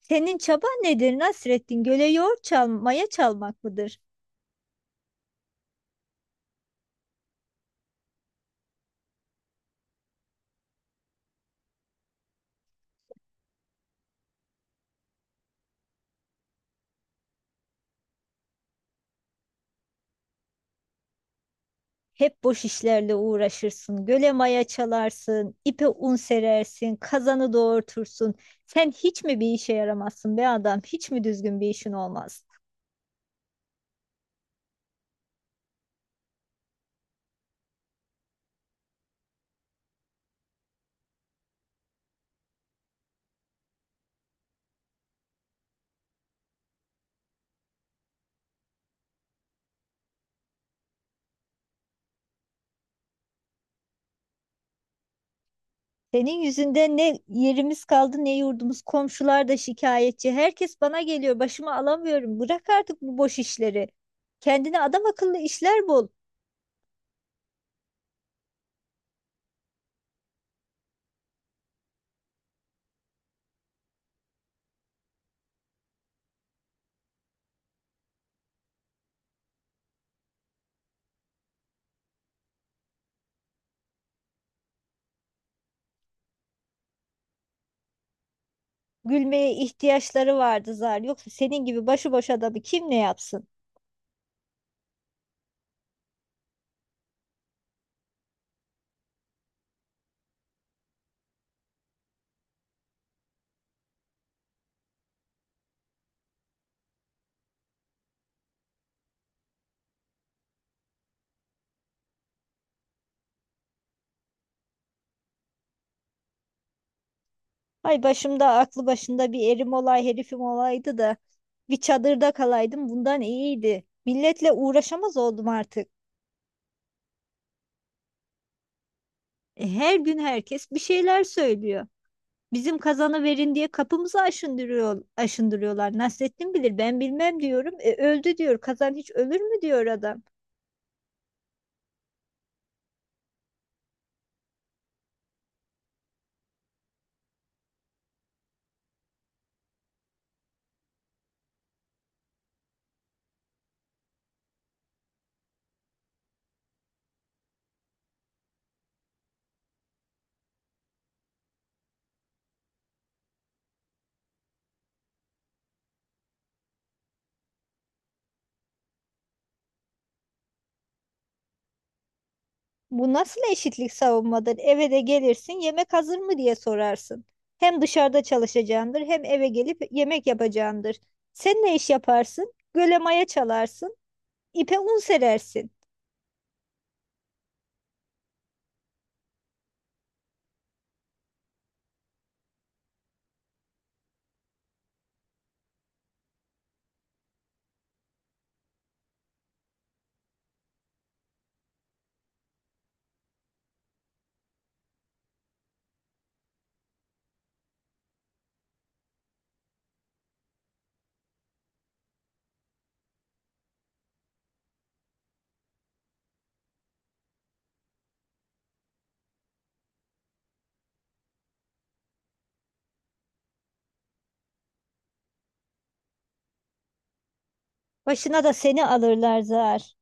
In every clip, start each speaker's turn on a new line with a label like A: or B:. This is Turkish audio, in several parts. A: Senin çaban nedir Nasrettin? Göle yoğurt çal, maya çalmak mıdır? Hep boş işlerle uğraşırsın. Göle maya çalarsın, ipe un serersin, kazanı doğurtursun. Sen hiç mi bir işe yaramazsın be adam? Hiç mi düzgün bir işin olmaz? Senin yüzünden ne yerimiz kaldı ne yurdumuz. Komşular da şikayetçi. Herkes bana geliyor. Başıma alamıyorum. Bırak artık bu boş işleri. Kendine adam akıllı işler bul. Gülmeye ihtiyaçları vardı zar. Yoksa senin gibi başıboş adamı kim ne yapsın? Ay başımda aklı başında bir erim olay herifim olaydı da bir çadırda kalaydım bundan iyiydi. Milletle uğraşamaz oldum artık. Her gün herkes bir şeyler söylüyor. Bizim kazanı verin diye kapımızı aşındırıyor, aşındırıyorlar. Nasrettin bilir ben bilmem diyorum. Öldü diyor. Kazan hiç ölür mü diyor adam. Bu nasıl eşitlik savunmadır? Eve de gelirsin yemek hazır mı diye sorarsın. Hem dışarıda çalışacağındır hem eve gelip yemek yapacağındır. Sen ne iş yaparsın? Göle maya çalarsın. İpe un serersin. Başına da seni alırlar zar.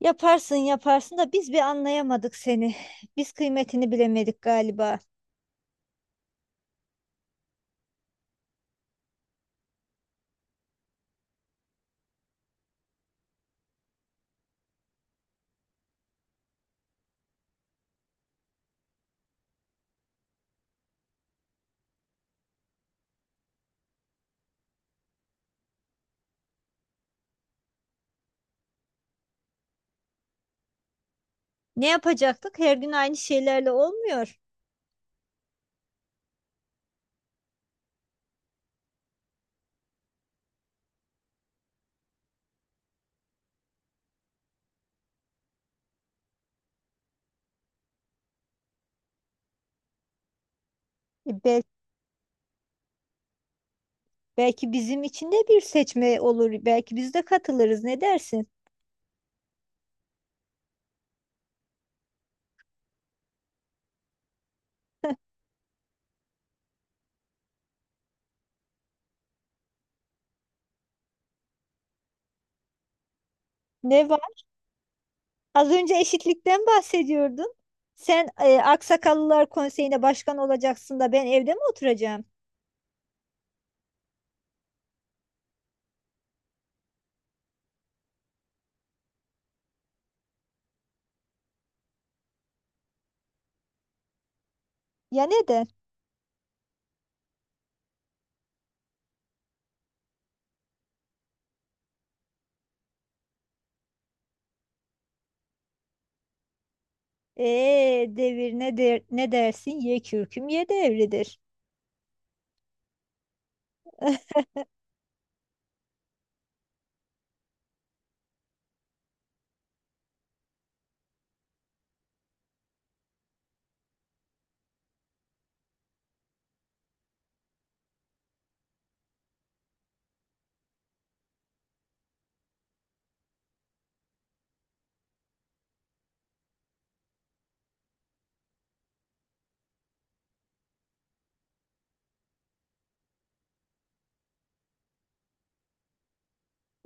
A: Yaparsın yaparsın da biz bir anlayamadık seni. Biz kıymetini bilemedik galiba. Ne yapacaktık? Her gün aynı şeylerle olmuyor. E, bel- Belki bizim için de bir seçme olur. Belki biz de katılırız. Ne dersin? Ne var? Az önce eşitlikten bahsediyordun. Sen Aksakallılar Konseyi'ne başkan olacaksın da ben evde mi oturacağım? Ya neden? Devir ne der, ne dersin? Ye kürküm ye devridir.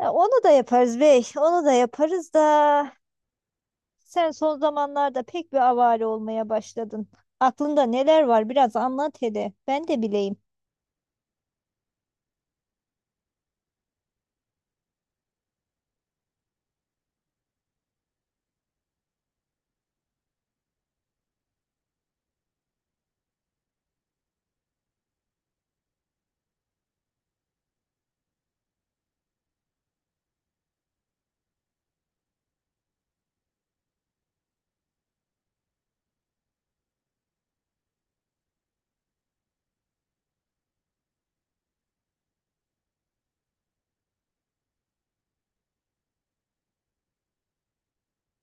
A: Ya onu da yaparız bey, onu da yaparız da sen son zamanlarda pek bir avare olmaya başladın. Aklında neler var biraz anlat hele, ben de bileyim.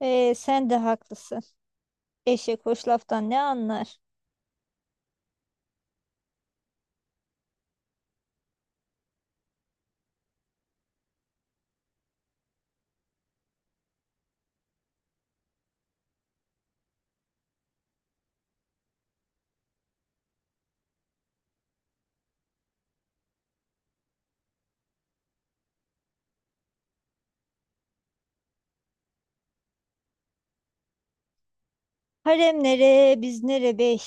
A: Sen de haklısın. Eşek hoş laftan ne anlar? Harem nere, biz nere bey?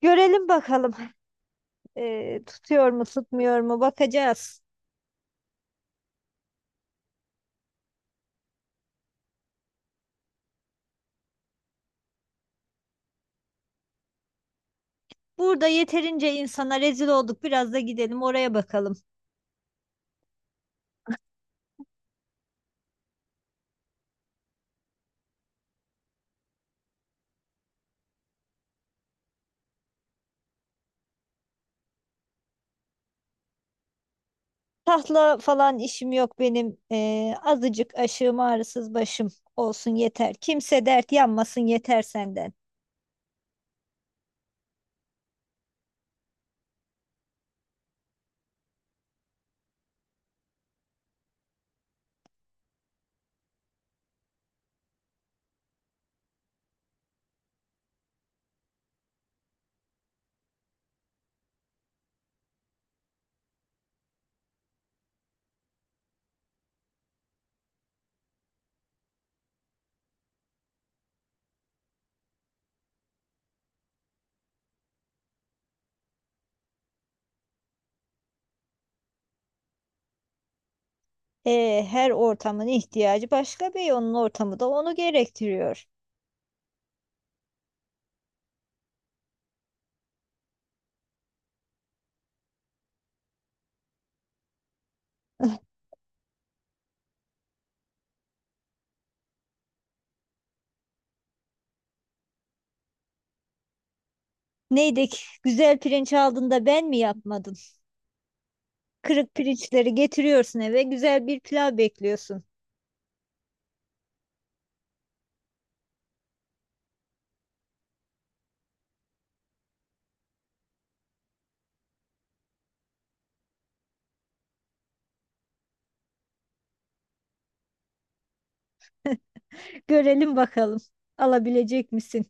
A: Görelim bakalım tutuyor mu tutmuyor mu bakacağız. Burada yeterince insana rezil olduk biraz da gidelim oraya bakalım. Tahla falan işim yok benim. Azıcık aşığım ağrısız başım olsun yeter. Kimse dert yanmasın yeter senden. Her ortamın ihtiyacı başka bir onun ortamı da onu gerektiriyor. Neydi ki, güzel pirinç aldın da ben mi yapmadım? Kırık pirinçleri getiriyorsun eve güzel bir pilav bekliyorsun. Görelim bakalım alabilecek misin?